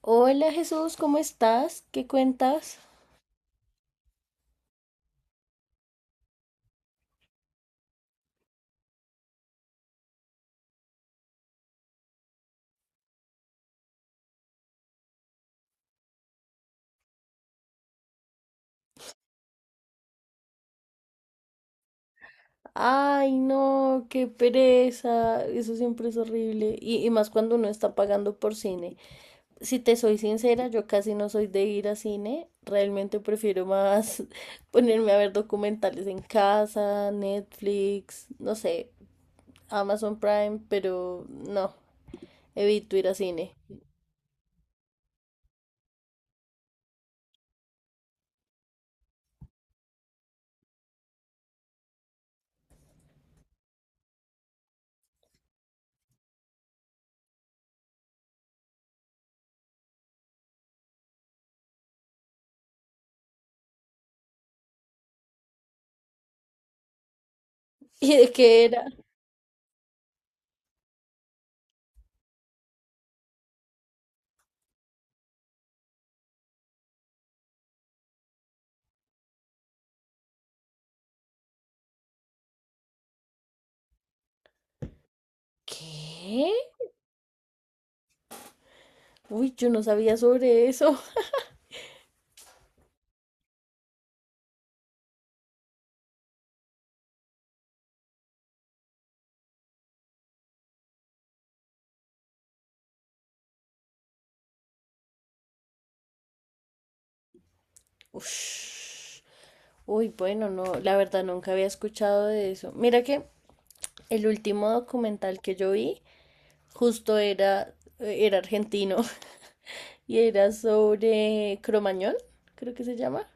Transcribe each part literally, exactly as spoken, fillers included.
Hola Jesús, ¿cómo estás? ¿Qué cuentas? Ay, no, qué pereza. Eso siempre es horrible. Y, y más cuando uno está pagando por cine. Si te soy sincera, yo casi no soy de ir a cine. Realmente prefiero más ponerme a ver documentales en casa, Netflix, no sé, Amazon Prime, pero no, evito ir a cine. ¿Y de qué era? ¿Qué? Uy, yo no sabía sobre eso. Ush. Uy, bueno, no, la verdad nunca había escuchado de eso. Mira que el último documental que yo vi justo era, eh, era argentino y era sobre Cromañón, creo que se llama.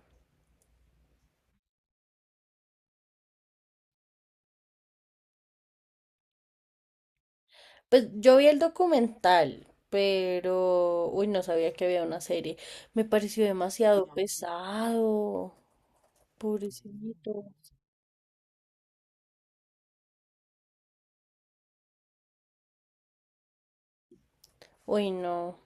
Pues yo vi el documental, pero, uy, no sabía que había una serie. Me pareció demasiado pesado, pobrecito. Uy, no.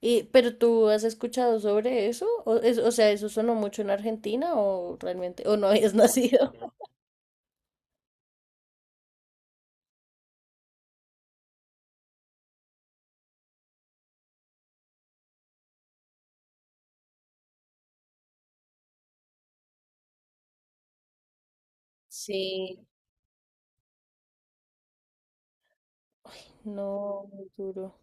Y, ¿pero tú has escuchado sobre eso? O, es- o sea, ¿eso sonó mucho en Argentina o realmente, o no habías nacido? Sí, no, muy duro.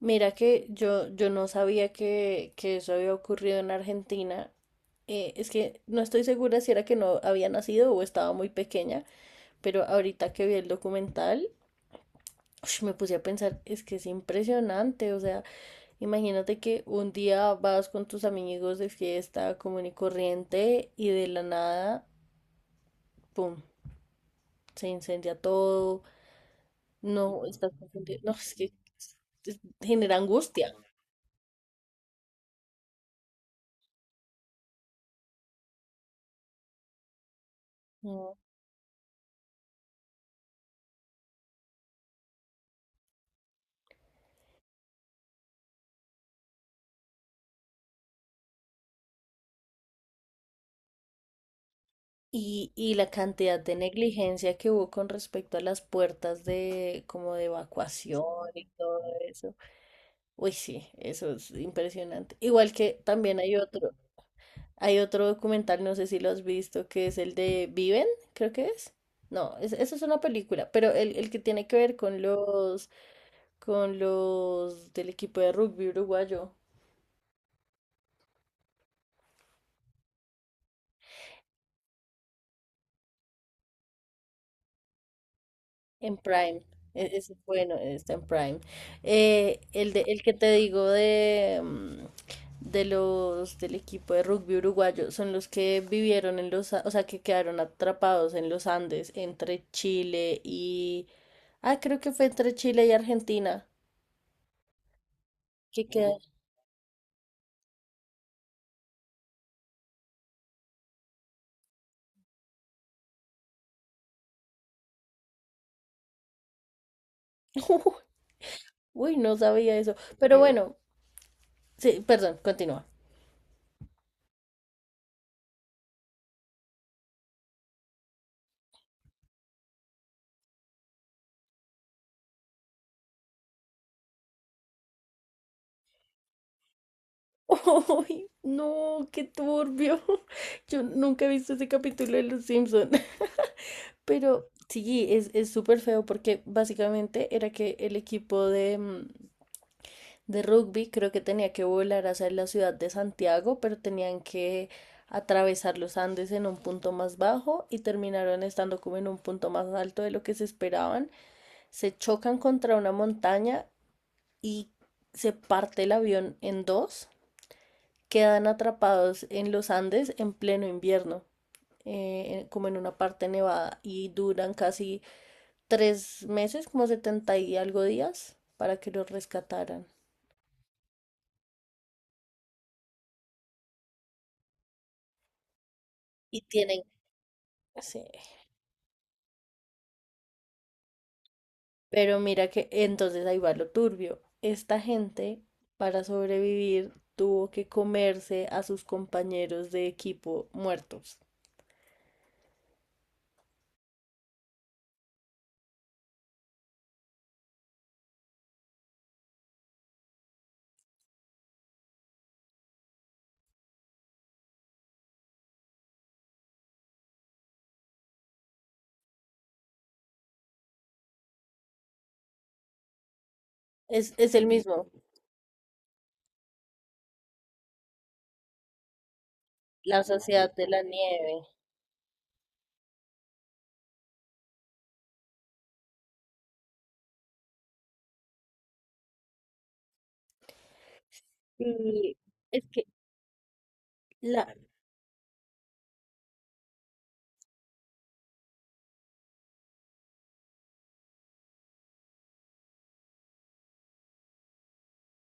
Mira que yo, yo no sabía que, que eso había ocurrido en Argentina. Eh, es que no estoy segura si era que no había nacido o estaba muy pequeña, pero ahorita que vi el documental, ush, me puse a pensar, es que es impresionante, o sea, imagínate que un día vas con tus amigos de fiesta común y corriente y de la nada, ¡pum!, se incendia todo, no estás confundido, no, es que es- es- genera angustia. ¿No? Y, y la cantidad de negligencia que hubo con respecto a las puertas de como de evacuación y todo eso. Uy, sí, eso es impresionante. Igual que también hay otro. Hay otro documental, no sé si lo has visto, que es el de Viven, creo que es. No, es- eso es una película, pero el, el que tiene que ver con los, con los del equipo de rugby uruguayo en Prime. E- ese es, bueno, está en Prime. Eh, el de, el que te digo de, mm, de los del equipo de rugby uruguayo son los que vivieron en los, a- o sea, que quedaron atrapados en los Andes entre Chile y, ah, creo que fue entre Chile y Argentina. Que queda- Uy, no sabía eso. Pero bueno, sí, perdón, continúa. ¡Uy, no! ¡Qué turbio! Yo nunca he visto ese capítulo de Los Simpson. Pero sí, es, es súper feo porque básicamente era que el equipo de, mm, de rugby creo que tenía que volar hacia la ciudad de Santiago, pero tenían que atravesar los Andes en un punto más bajo y terminaron estando como en un punto más alto de lo que se esperaban. Se chocan contra una montaña y se parte el avión en dos, quedan atrapados en los Andes en pleno invierno, eh, como en una parte nevada, y duran casi tres meses, como setenta y algo días, para que los rescataran. Y tienen, sí, pero mira que entonces ahí va lo turbio. Esta gente, para sobrevivir, tuvo que comerse a sus compañeros de equipo muertos. Es, es el mismo, la sociedad de la nieve. Y es que la,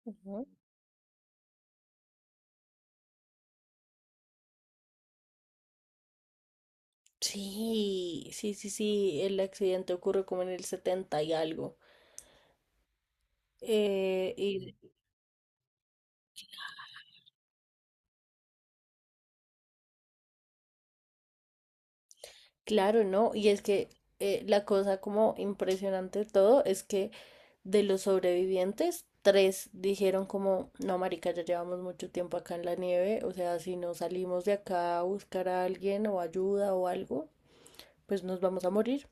ujú, sí, sí, sí, sí, el accidente ocurre como en el setenta y algo. Eh, y claro, ¿no? Y es que eh, la cosa como impresionante de todo es que de los sobrevivientes, tres dijeron como, no, marica, ya llevamos mucho tiempo acá en la nieve, o sea, si no salimos de acá a buscar a alguien o ayuda o algo, pues nos vamos a morir.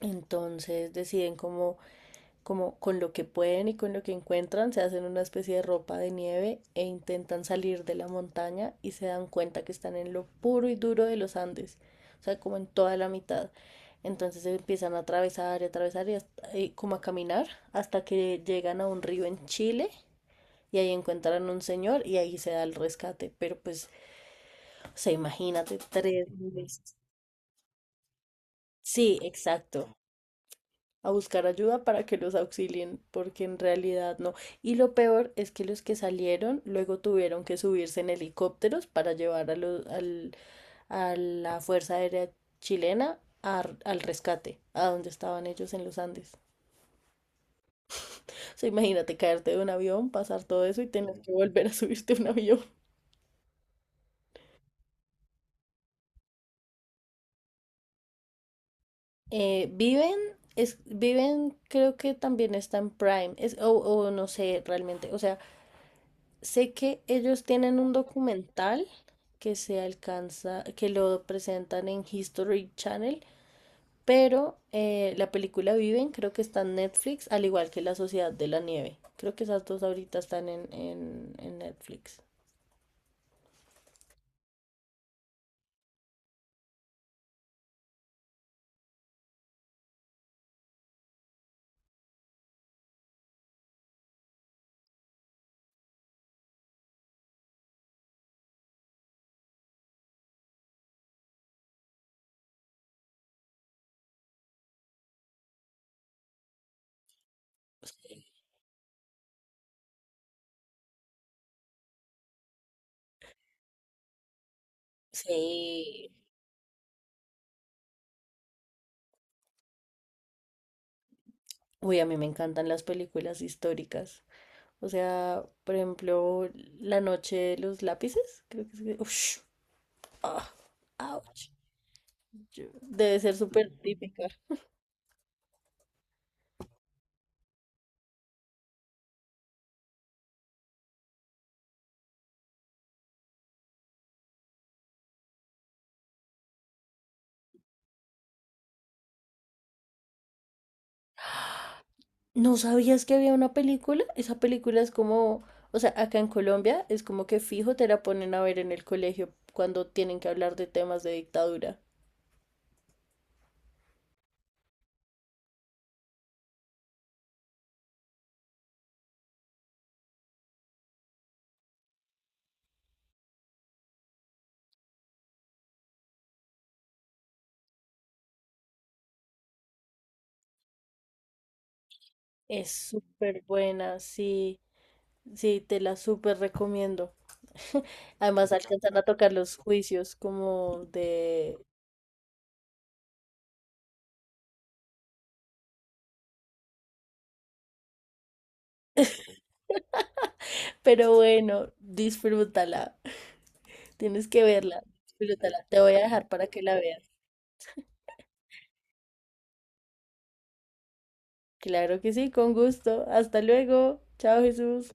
Entonces deciden como como con lo que pueden y con lo que encuentran, se hacen una especie de ropa de nieve e intentan salir de la montaña y se dan cuenta que están en lo puro y duro de los Andes, o sea, como en toda la mitad. Entonces empiezan a atravesar y atravesar y, hasta- y como a caminar hasta que llegan a un río en Chile y ahí encuentran un señor y ahí se da el rescate. Pero pues, o sea, imagínate tres meses. Sí, exacto. A buscar ayuda para que los auxilien, porque en realidad no. Y lo peor es que los que salieron luego tuvieron que subirse en helicópteros para llevar a, los, al, a la Fuerza Aérea Chilena a- al rescate, a donde estaban ellos en los Andes. O sea, imagínate caerte de un avión, pasar todo eso y tener que volver a subirte a un avión. Eh, Viven, es, viven, creo que también está en Prime, es, o, o no sé realmente, o sea. Sé que ellos tienen un documental que se alcanza, que lo presentan en History Channel, pero eh, la película Viven creo que está en Netflix, al igual que La Sociedad de la Nieve. Creo que esas dos ahorita están en, en, en Netflix. Sí. Sí. Uy, a mí me encantan las películas históricas. O sea, por ejemplo, La Noche de los Lápices, creo que es. Ush, ah, ouch. Yo- debe ser súper típica. ¿No sabías que había una película? Esa película es como, o sea, acá en Colombia es como que fijo te la ponen a ver en el colegio cuando tienen que hablar de temas de dictadura. Es súper buena, sí, sí, te la súper recomiendo. Además alcanzan a tocar los juicios como de... Pero bueno, disfrútala, tienes que verla, disfrútala. Te voy a dejar para que la veas. Claro que sí, con gusto. Hasta luego. Chao, Jesús.